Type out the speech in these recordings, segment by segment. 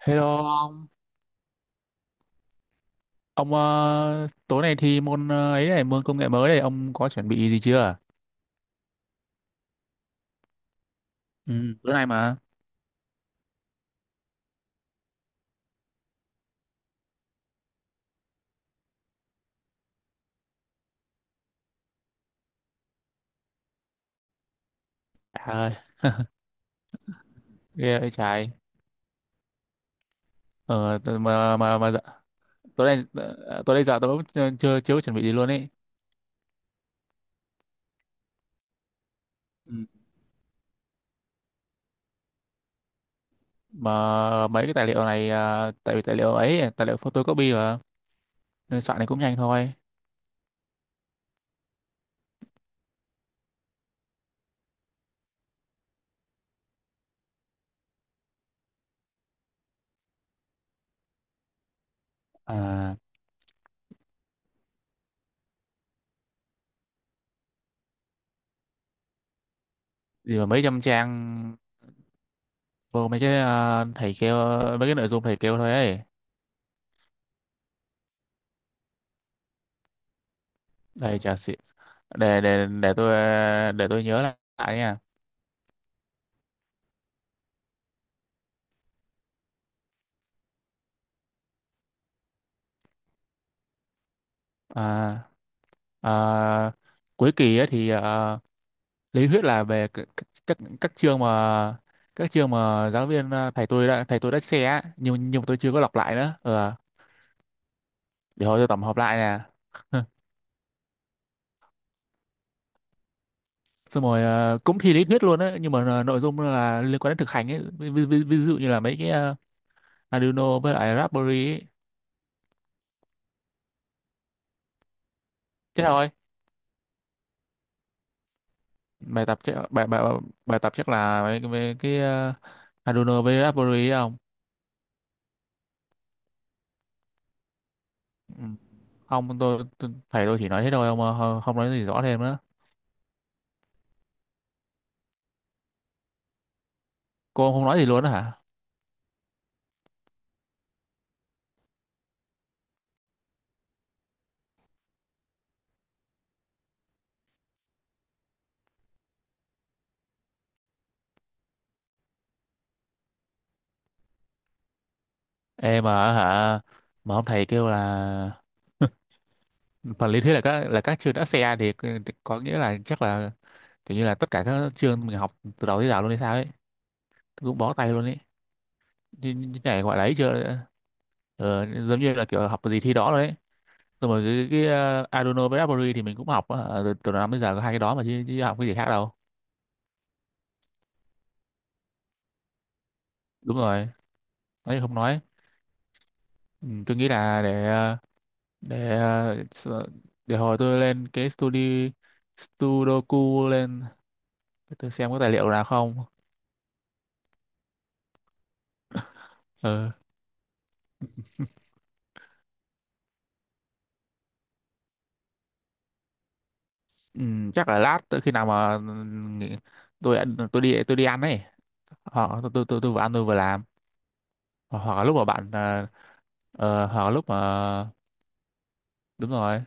Hello ông, ông tối nay thi môn ấy này, môn công nghệ mới này, ông có chuẩn bị gì chưa? Ừ, tối nay mà. À, ơi, ghê ơi trái. Ờ, t- mà mà mà dạ- Tối nay tối nay giờ tôi cũng chưa chưa chưa có chuẩn bị gì luôn ấy. Ừ. Mà mấy cái tài liệu này tại vì tài liệu ấy, tài liệu photocopy mà nên soạn này cũng nhanh thôi. À, gì mà mấy trăm trang vô mấy cái thầy kêu, mấy cái nội dung thầy kêu thôi ấy. Đây chả xị. Để tôi nhớ lại nha. À. Ờ, Cuối kỳ ấy thì lý thuyết là về các chương mà, các chương mà giáo viên thầy tôi đã share á, nhưng mà tôi chưa có đọc lại nữa. Ờ, để hồi tôi tổng hợp lại nè, xong rồi cũng thi lý thuyết luôn á, nhưng mà nội dung là liên quan đến thực hành ấy, ví dụ như là mấy cái Arduino với lại Raspberry ấy. Thế thôi. bài tập chắc- bài bài Bài tập chắc là mấy cái Arduino với Raspberry ấy không? Ừ. Không, tôi, tôi thầy tôi chỉ nói thế thôi, không không không nói gì rõ thêm nữa. Cô không nói gì luôn á hả? Em mà hả, mà ông thầy kêu là phần lý thuyết là các chương ASEAN, thì có nghĩa là chắc là kiểu như là tất cả các chương mình học từ đầu tới giờ luôn hay sao ấy, cũng bó tay luôn ấy. Như này gọi là ấy chưa, ờ, giống như là kiểu học gì thi đó rồi ấy. Rồi mà cái Arduino với Raspberry thì mình cũng học á, từ năm tới giờ có hai cái đó mà chứ, chứ học cái gì khác đâu. Đúng rồi, nói thì không nói. Ừ, tôi nghĩ là để để ờ, s- ờ, để hồi tôi lên cái studio Sudoku lên, để tôi xem có tài liệu nào không. Ờ. Ừ, chắc là lát tới khi nào mà nghỉ- tôi đi ăn ấy, họ tôi vừa ăn tôi vừa làm. Hoặc là lúc mà bạn hoặc là lúc mà đúng rồi,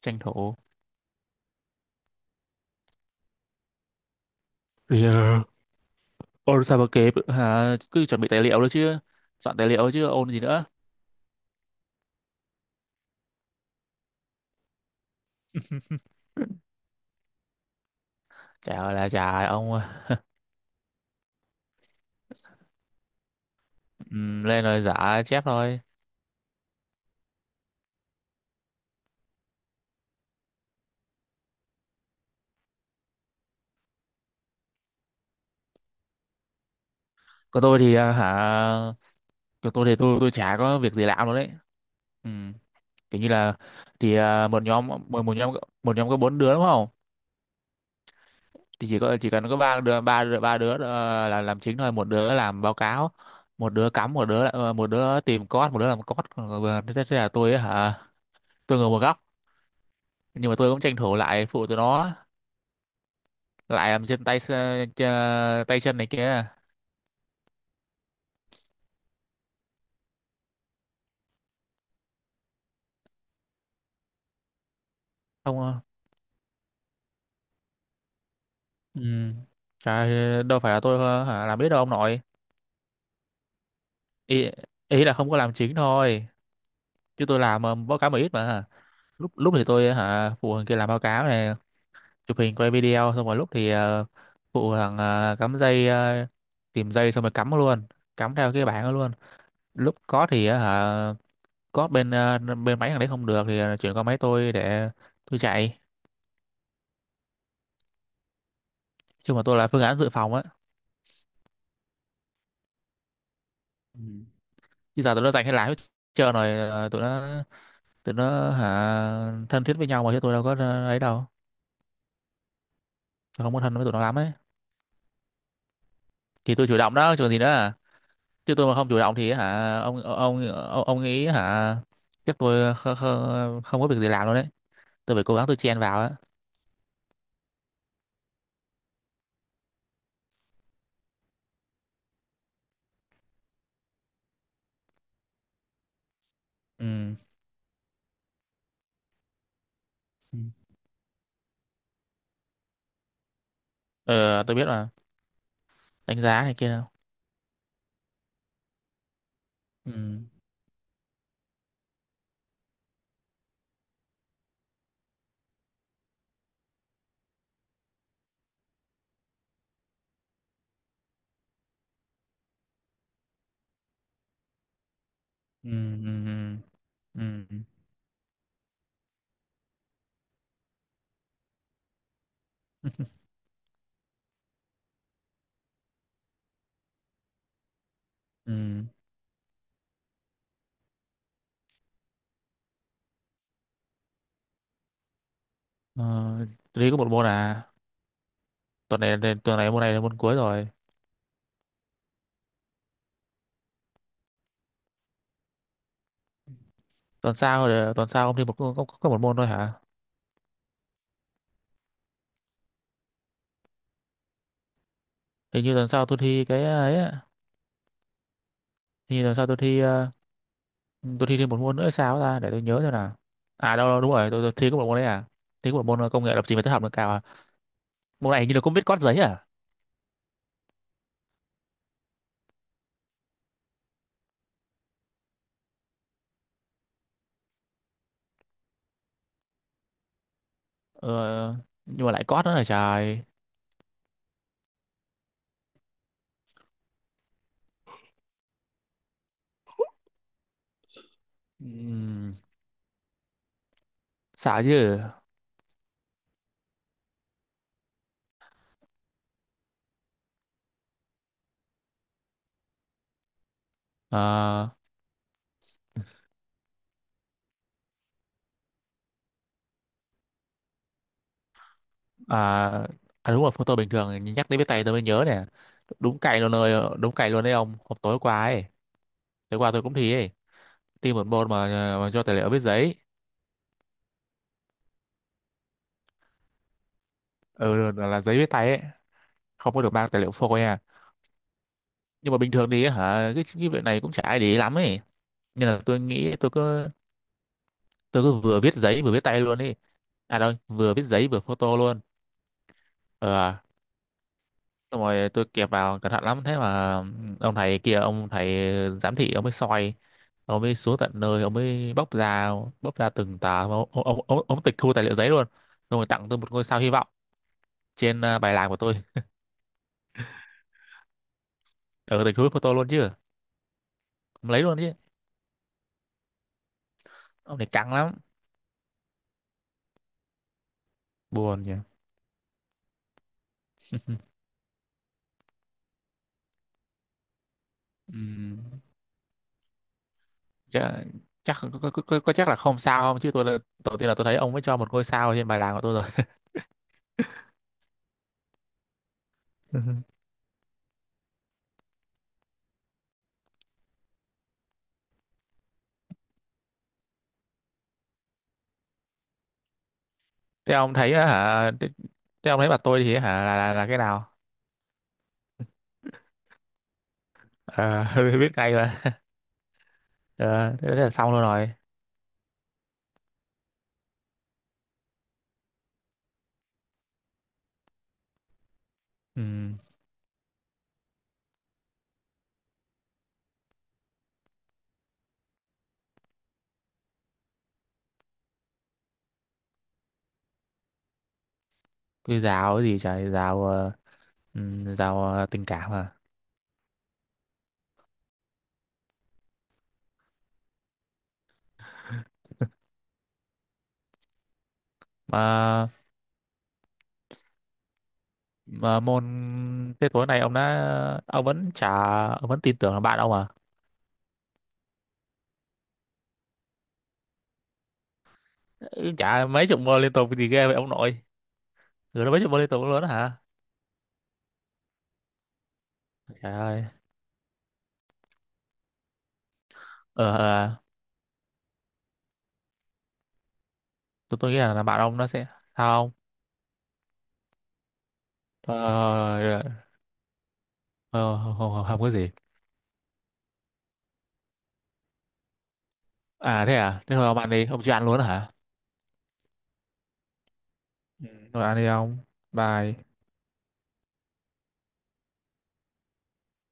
tranh thủ. Yeah. Ôn sao mà kịp hả? Cứ chuẩn bị tài liệu nữa chứ, soạn tài liệu chứ ôn gì nữa. Chả ơi là chả ông. Lên rồi giả chép thôi. Còn tôi thì ờ, hả còn tôi thì tôi chả có việc gì làm luôn đấy. Ừ. Kiểu như là thì à, một nhóm có bốn đứa đúng không, thì chỉ cần có ba đứa là làm chính thôi, một đứa làm báo cáo, một đứa cắm, một đứa một đứa tìm code, một đứa làm code. Thế là tôi ấy hả, tôi ngồi một góc, nhưng mà tôi cũng tranh thủ lại phụ tụi nó, lại làm chân tay tay chân này kia. Không, ừ. Trời, đâu phải là tôi làm biết đâu ông nội. Ý, ý là không có làm chính thôi, chứ tôi làm báo cáo mà ít mà. Lúc lúc thì tôi hả phụ thằng kia làm báo cáo này, chụp hình quay video, xong rồi lúc thì phụ thằng cắm dây, tìm dây xong rồi cắm luôn, cắm theo cái bảng đó luôn. Lúc có thì ờ, hả có bên bên máy thằng đấy không được thì chuyển qua máy tôi để tôi chạy. Chứ mà tôi là phương án dự phòng á. Ừ. Chứ giờ tụi nó giành hết, lái hết trơn rồi tụi nó thân thiết với nhau mà, chứ tôi đâu có ấy đâu. Tôi không có thân với tụi nó lắm ấy. Thì tôi chủ động đó chứ còn gì nữa à. Chứ tôi mà không chủ động thì hả, ông nghĩ hả, chắc tôi không có việc gì làm luôn đấy, tôi phải cố gắng tôi chen vào á. Ừ. Ừ. Ờ tôi biết mà, đánh giá này kia đâu. Ừ. Ừ. Ừ. Ừ. Ừ. Ừ. Ờ, tôi có một môn à, tuần này, tuần này môn này là môn cuối rồi. Tuần sau, tuần sau ông thi có một môn thôi hả? Hình như tuần sau tôi thi cái ấy á. Hình như tuần sau tôi thi tôi thi thêm một môn nữa hay sao ta, để tôi nhớ xem nào. À đâu đúng rồi, tôi thi có một môn đấy à, thi có một môn công nghệ lập trình và tích hợp nâng cao à. Môn này hình như là cũng biết code giấy à. Ờ, nhưng mà lại code nữa là trời. Ừm, sợ chứ. Ờ, à, à đúng rồi, photo bình thường, nhắc đến với tay tôi mới nhớ nè, đúng cày luôn rồi, đúng cày luôn đấy ông. Hôm tối qua ấy, tối qua tôi cũng thi ấy, thi một môn mà, mà cho tài liệu viết giấy. Ừ, là giấy viết tay ấy. Không có được mang tài liệu phôi nha, nhưng mà bình thường thì hả cái việc này cũng chả ai để ý lắm ấy, nên là tôi nghĩ tôi cứ vừa viết giấy vừa viết tay luôn đi. À đâu, vừa viết giấy vừa photo luôn. Ờ, xong rồi tôi kẹp vào cẩn thận lắm, thế mà ông thầy kia ông thầy giám thị ông mới soi, ông mới xuống tận nơi, ông mới bóc ra, bóc ra từng tờ, ông tịch thu tài liệu giấy luôn, xong rồi tặng tôi một ngôi sao hy vọng trên bài làm của tôi. Ở tịch thu photo luôn chứ, ông lấy luôn chứ. Ông này căng lắm, buồn nhỉ. Ừm, chắc, chắc chắc là không sao, không chứ tôi là- đầu tiên là tôi thấy ông mới cho một ngôi sao trên bài làm của tôi rồi. Ừ. Thế ông thấy á hả, thế ông thấy bà tôi thì hả là cái nào. Ờ, biết ngay mà. Ờ, thế là xong luôn rồi. Ừ. Tôi giáo cái gì trời, giáo giáo tình cảm à. Mà mà môn, thế tối nay ông đã, ông vẫn chả, ông vẫn tin tưởng là bạn ông à. Ừ, chả mấy chục môn liên tục thì ghê vậy ông nội. Rồi nó mấy chục môn liên tục luôn đó hả. Trời ơi. ờ ờ, tôi nghĩ là bạn ông nó sẽ, sao không. ờ, ờ, ờ, không, không, không, không, có gì. À? Thế thôi ông ăn đi, ông chưa ăn luôn hả? Ừ, thôi ăn đi ông. Bye.